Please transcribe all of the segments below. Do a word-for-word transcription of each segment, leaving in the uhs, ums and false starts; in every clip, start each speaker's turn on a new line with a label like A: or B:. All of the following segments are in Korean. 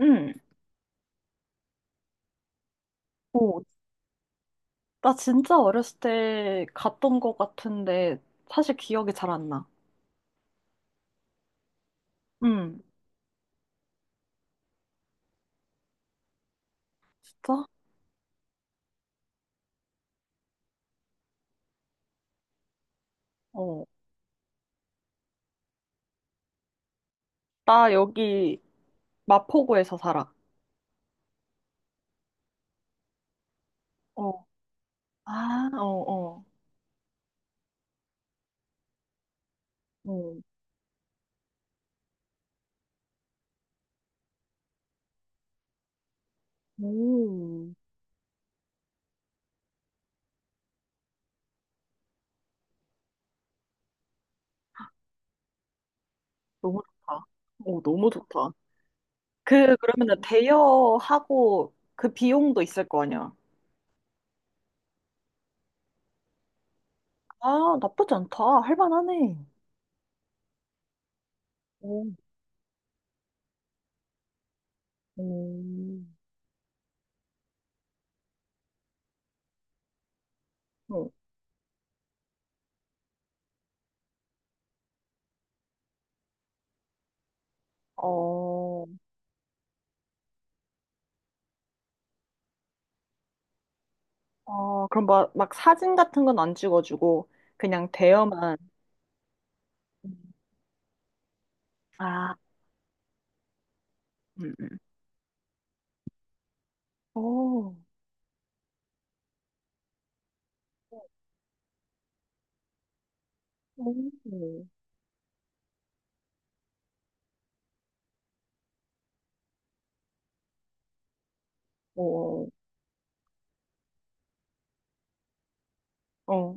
A: 응. 오, 나 진짜 어렸을 때 갔던 것 같은데 사실 기억이 잘 안 나. 응. 진짜? 어. 나 여기 마포구에서 살아. 어. 아, 어, 어. 어. 오, 너무 좋다. 오, 너무 좋다. 그, 그러면은 대여하고 그 비용도 있을 거 아니야. 아, 나쁘지 않다. 할만하네. 오, 오오 어, 어, 그럼 막, 막 사진 같은 건 안 찍어주고, 그냥 대여만. 아, 음, 음. 오, 오, 오, 어.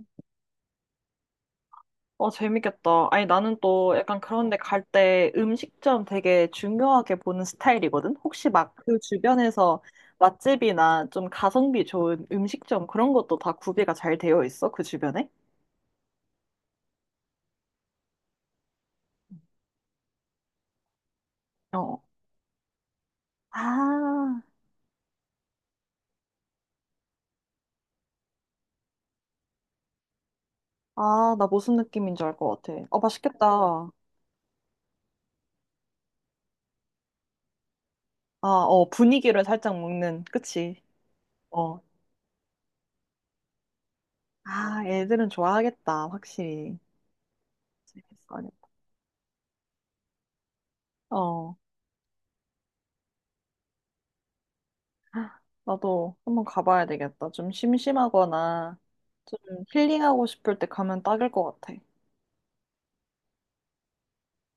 A: 어, 재밌겠다. 아니, 나는 또 약간 그런데 갈 때 음식점 되게 중요하게 보는 스타일이거든? 혹시 막 그 주변에서 맛집이나 좀 가성비 좋은 음식점 그런 것도 다 구비가 잘 되어 있어? 그 주변에? 어. 아, 아, 나 무슨 느낌인 줄 알 것 같아. 어, 맛있겠다. 아, 어, 분위기를 살짝 먹는, 그치? 어. 아, 애들은 좋아하겠다, 확실히. 재밌을 거니까. 어. 나도 한번 가봐야 되겠다. 좀 심심하거나 좀 힐링하고 싶을 때 가면 딱일 것 같아.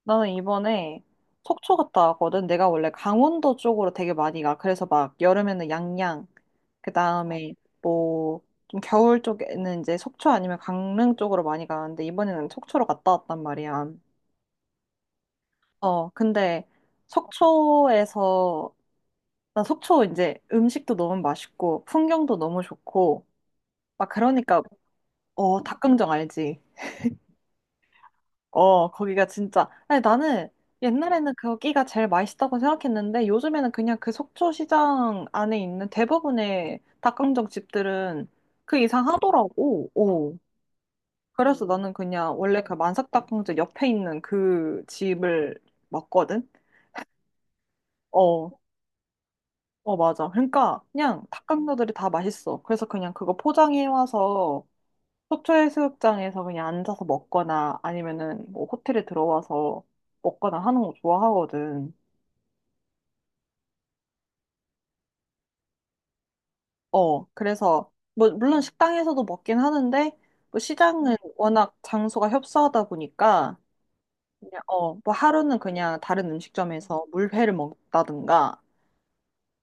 A: 나는 이번에 속초 갔다 왔거든. 내가 원래 강원도 쪽으로 되게 많이 가. 그래서 막 여름에는 양양, 그 다음에 뭐 좀 겨울 쪽에는 이제 속초 아니면 강릉 쪽으로 많이 가는데 이번에는 속초로 갔다 왔단 말이야. 어, 근데 속초에서, 나 속초 이제 음식도 너무 맛있고, 풍경도 너무 좋고, 막 그러니까, 어, 닭강정 알지? 어, 거기가 진짜. 아니, 나는 옛날에는 거기가 제일 맛있다고 생각했는데, 요즘에는 그냥 그 속초 시장 안에 있는 대부분의 닭강정 집들은 그 이상 하더라고. 오. 그래서 나는 그냥 원래 그 만삭닭강정 옆에 있는 그 집을 먹거든? 어, 어, 맞아. 그러니까 그냥 닭강정들이 다 맛있어. 그래서 그냥 그거 포장해 와서 속초해수욕장에서 그냥 앉아서 먹거나 아니면은 뭐 호텔에 들어와서 먹거나 하는 거 좋아하거든. 어, 그래서 뭐 물론 식당에서도 먹긴 하는데 뭐 시장은 워낙 장소가 협소하다 보니까 그냥 어, 뭐 하루는 그냥 다른 음식점에서 물회를 먹다든가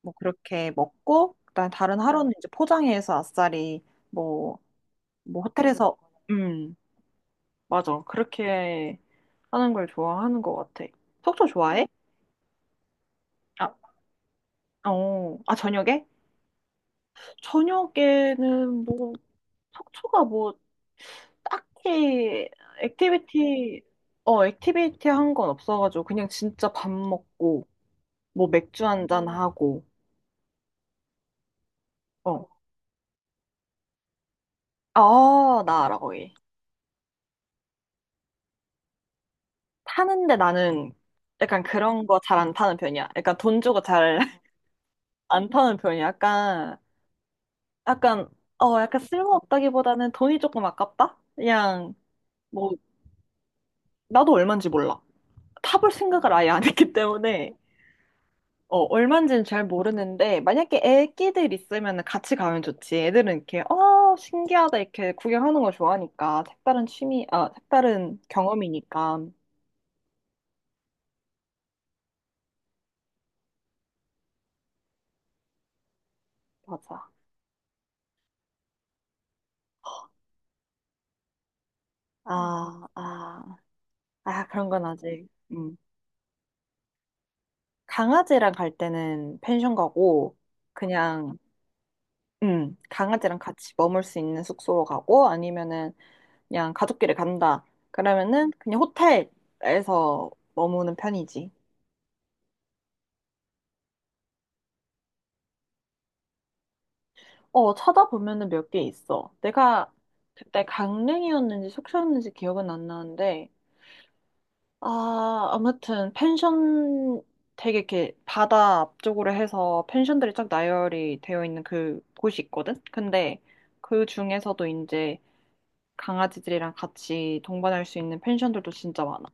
A: 뭐 그렇게 먹고 그다음에 다른 하루는 이제 포장해서 아싸리 뭐 뭐 호텔에서 음 맞아. 그렇게 하는 걸 좋아하는 것 같아. 속초 좋아해? 아, 어, 아, 저녁에? 저녁에는 뭐, 속초가 뭐, 딱히 액티비티, 어, 액티비티 한 건 없어가지고, 그냥 진짜 밥 먹고, 뭐, 맥주 한잔 음. 하고, 어. 어, 나 알아, 거기. 타는데 나는 약간 그런 거 잘 안 타는 편이야. 약간 돈 주고 잘 안 타는 편이야. 약간 약간, 어, 약간 쓸모없다기보다는 돈이 조금 아깝다? 그냥, 뭐, 나도 얼마인지 몰라. 타볼 생각을 아예 안 했기 때문에, 어, 얼마인지는 잘 모르는데, 만약에 애기들 있으면 같이 가면 좋지. 애들은 이렇게, 어, 신기하다, 이렇게 구경하는 걸 좋아하니까. 색다른 취미, 아, 색다른 경험이니까. 맞아. 아, 아, 아, 그런 건 아직, 음. 강아지랑 갈 때는 펜션 가고, 그냥, 음, 강아지랑 같이 머물 수 있는 숙소로 가고 아니면은 그냥 가족끼리 간다. 그러면은 그냥 호텔에서 머무는 편이지. 어, 찾아보면은 몇 개 있어. 내가 그때 강릉이었는지 속초였는지 기억은 안 나는데 아, 아무튼 펜션 되게 이렇게 바다 앞쪽으로 해서 펜션들이 쫙 나열이 되어 있는 그 곳이 있거든. 근데 그 중에서도 이제 강아지들이랑 같이 동반할 수 있는 펜션들도 진짜 많아.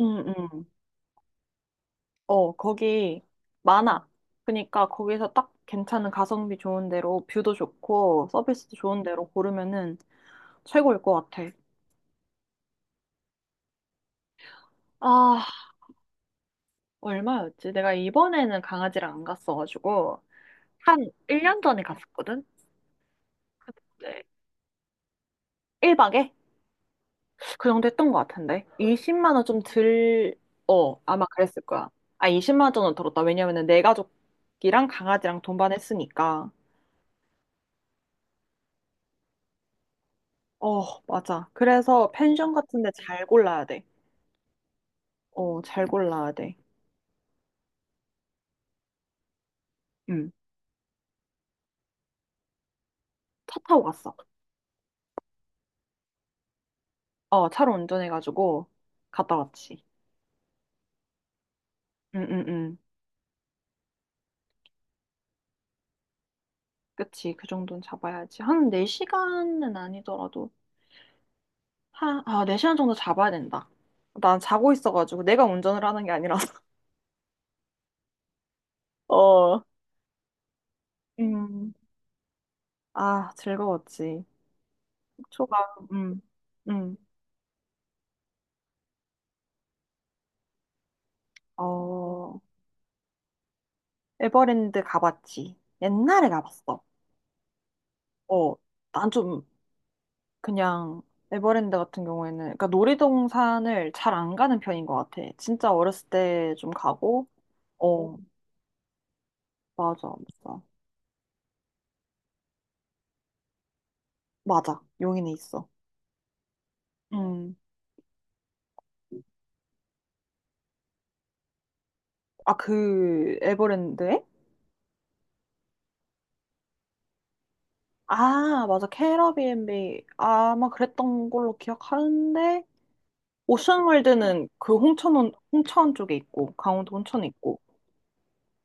A: 응, 응. 어, 거기 많아. 그러니까 거기서 딱 괜찮은 가성비 좋은 데로 뷰도 좋고 서비스도 좋은 데로 고르면은 최고일 것 같아. 아, 얼마였지? 내가 이번에는 강아지랑 안 갔어가지고 한 일 년 전에 갔었거든? 근데 일 박에? 그 정도 했던 것 같은데. 이십만 원 좀 들, 어, 아마 그랬을 거야. 아, 이십만 원은 들었다. 왜냐면은 내 가족이랑 강아지랑 동반했으니까. 어, 맞아. 그래서 펜션 같은데 잘 골라야 돼. 어, 잘 골라야 돼. 응. 차 타고 갔어. 어, 차로 운전해가지고 갔다 왔지. 응, 응, 응. 그치. 그 정도는 잡아야지. 한 네 시간은 아니더라도, 한, 아, 네 시간 정도 잡아야 된다. 난 자고 있어가지고 내가 운전을 하는 게 아니라서. 어, 음. 아, 즐거웠지. 속초가, 음, 음. 어, 에버랜드 가봤지. 옛날에 가봤어. 어, 난좀 그냥 에버랜드 같은 경우에는 그러니까 놀이동산을 잘 안 가는 편인 것 같아. 진짜 어렸을 때 좀 가고, 어, 맞아, 맞아, 맞아. 용인에 있어. 음, 아, 그 에버랜드에? 아, 맞아, 캐러비앤비 아마 그랬던 걸로 기억하는데 오션월드는 그 홍천 홍천 쪽에 있고 강원도 홍천에 있고.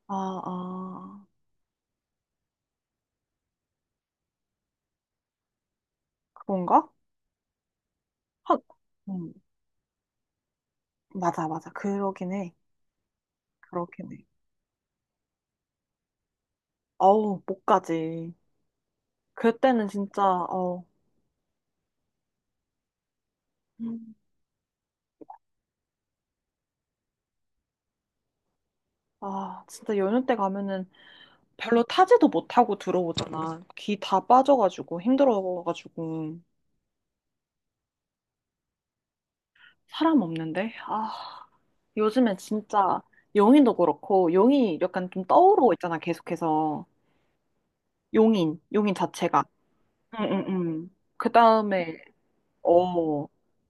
A: 아, 아, 그건가? 한, 음, 맞아, 맞아. 그러긴 해. 그렇긴 해. 어우, 못 가지. 그때는 진짜 어, 음. 아, 진짜 연휴 때 가면은 별로 타지도 못하고 들어오잖아. 귀 다 빠져가지고 힘들어가지고 사람 없는데. 아, 요즘에 진짜 용인도 그렇고 용이 약간 좀 떠오르고 있잖아. 계속해서 용인, 용인 자체가. 응응응. 그 다음에 어,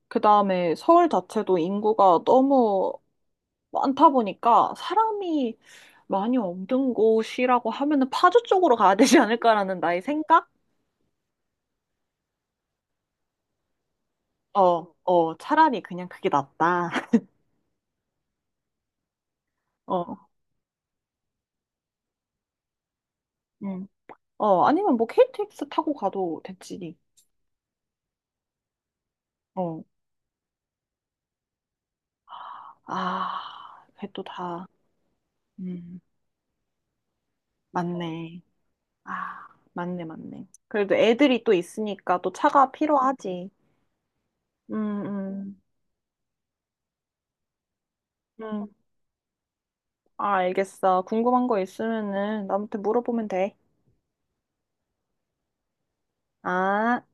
A: 그 다음에 서울 자체도 인구가 너무 많다 보니까 사람이 많이 없는 곳이라고 하면은 파주 쪽으로 가야 되지 않을까라는 나의 생각? 어, 어, 차라리 그냥 그게 낫다. 어, 음. 어, 아니면 뭐 케이티엑스 타고 가도 됐지. 어, 아, 그게 또 다, 음, 맞네. 아, 맞네, 맞네. 그래도 애들이 또 있으니까 또 차가 필요하지. 음, 음, 음. 아, 알겠어. 궁금한 거 있으면은 나한테 물어보면 돼. 아.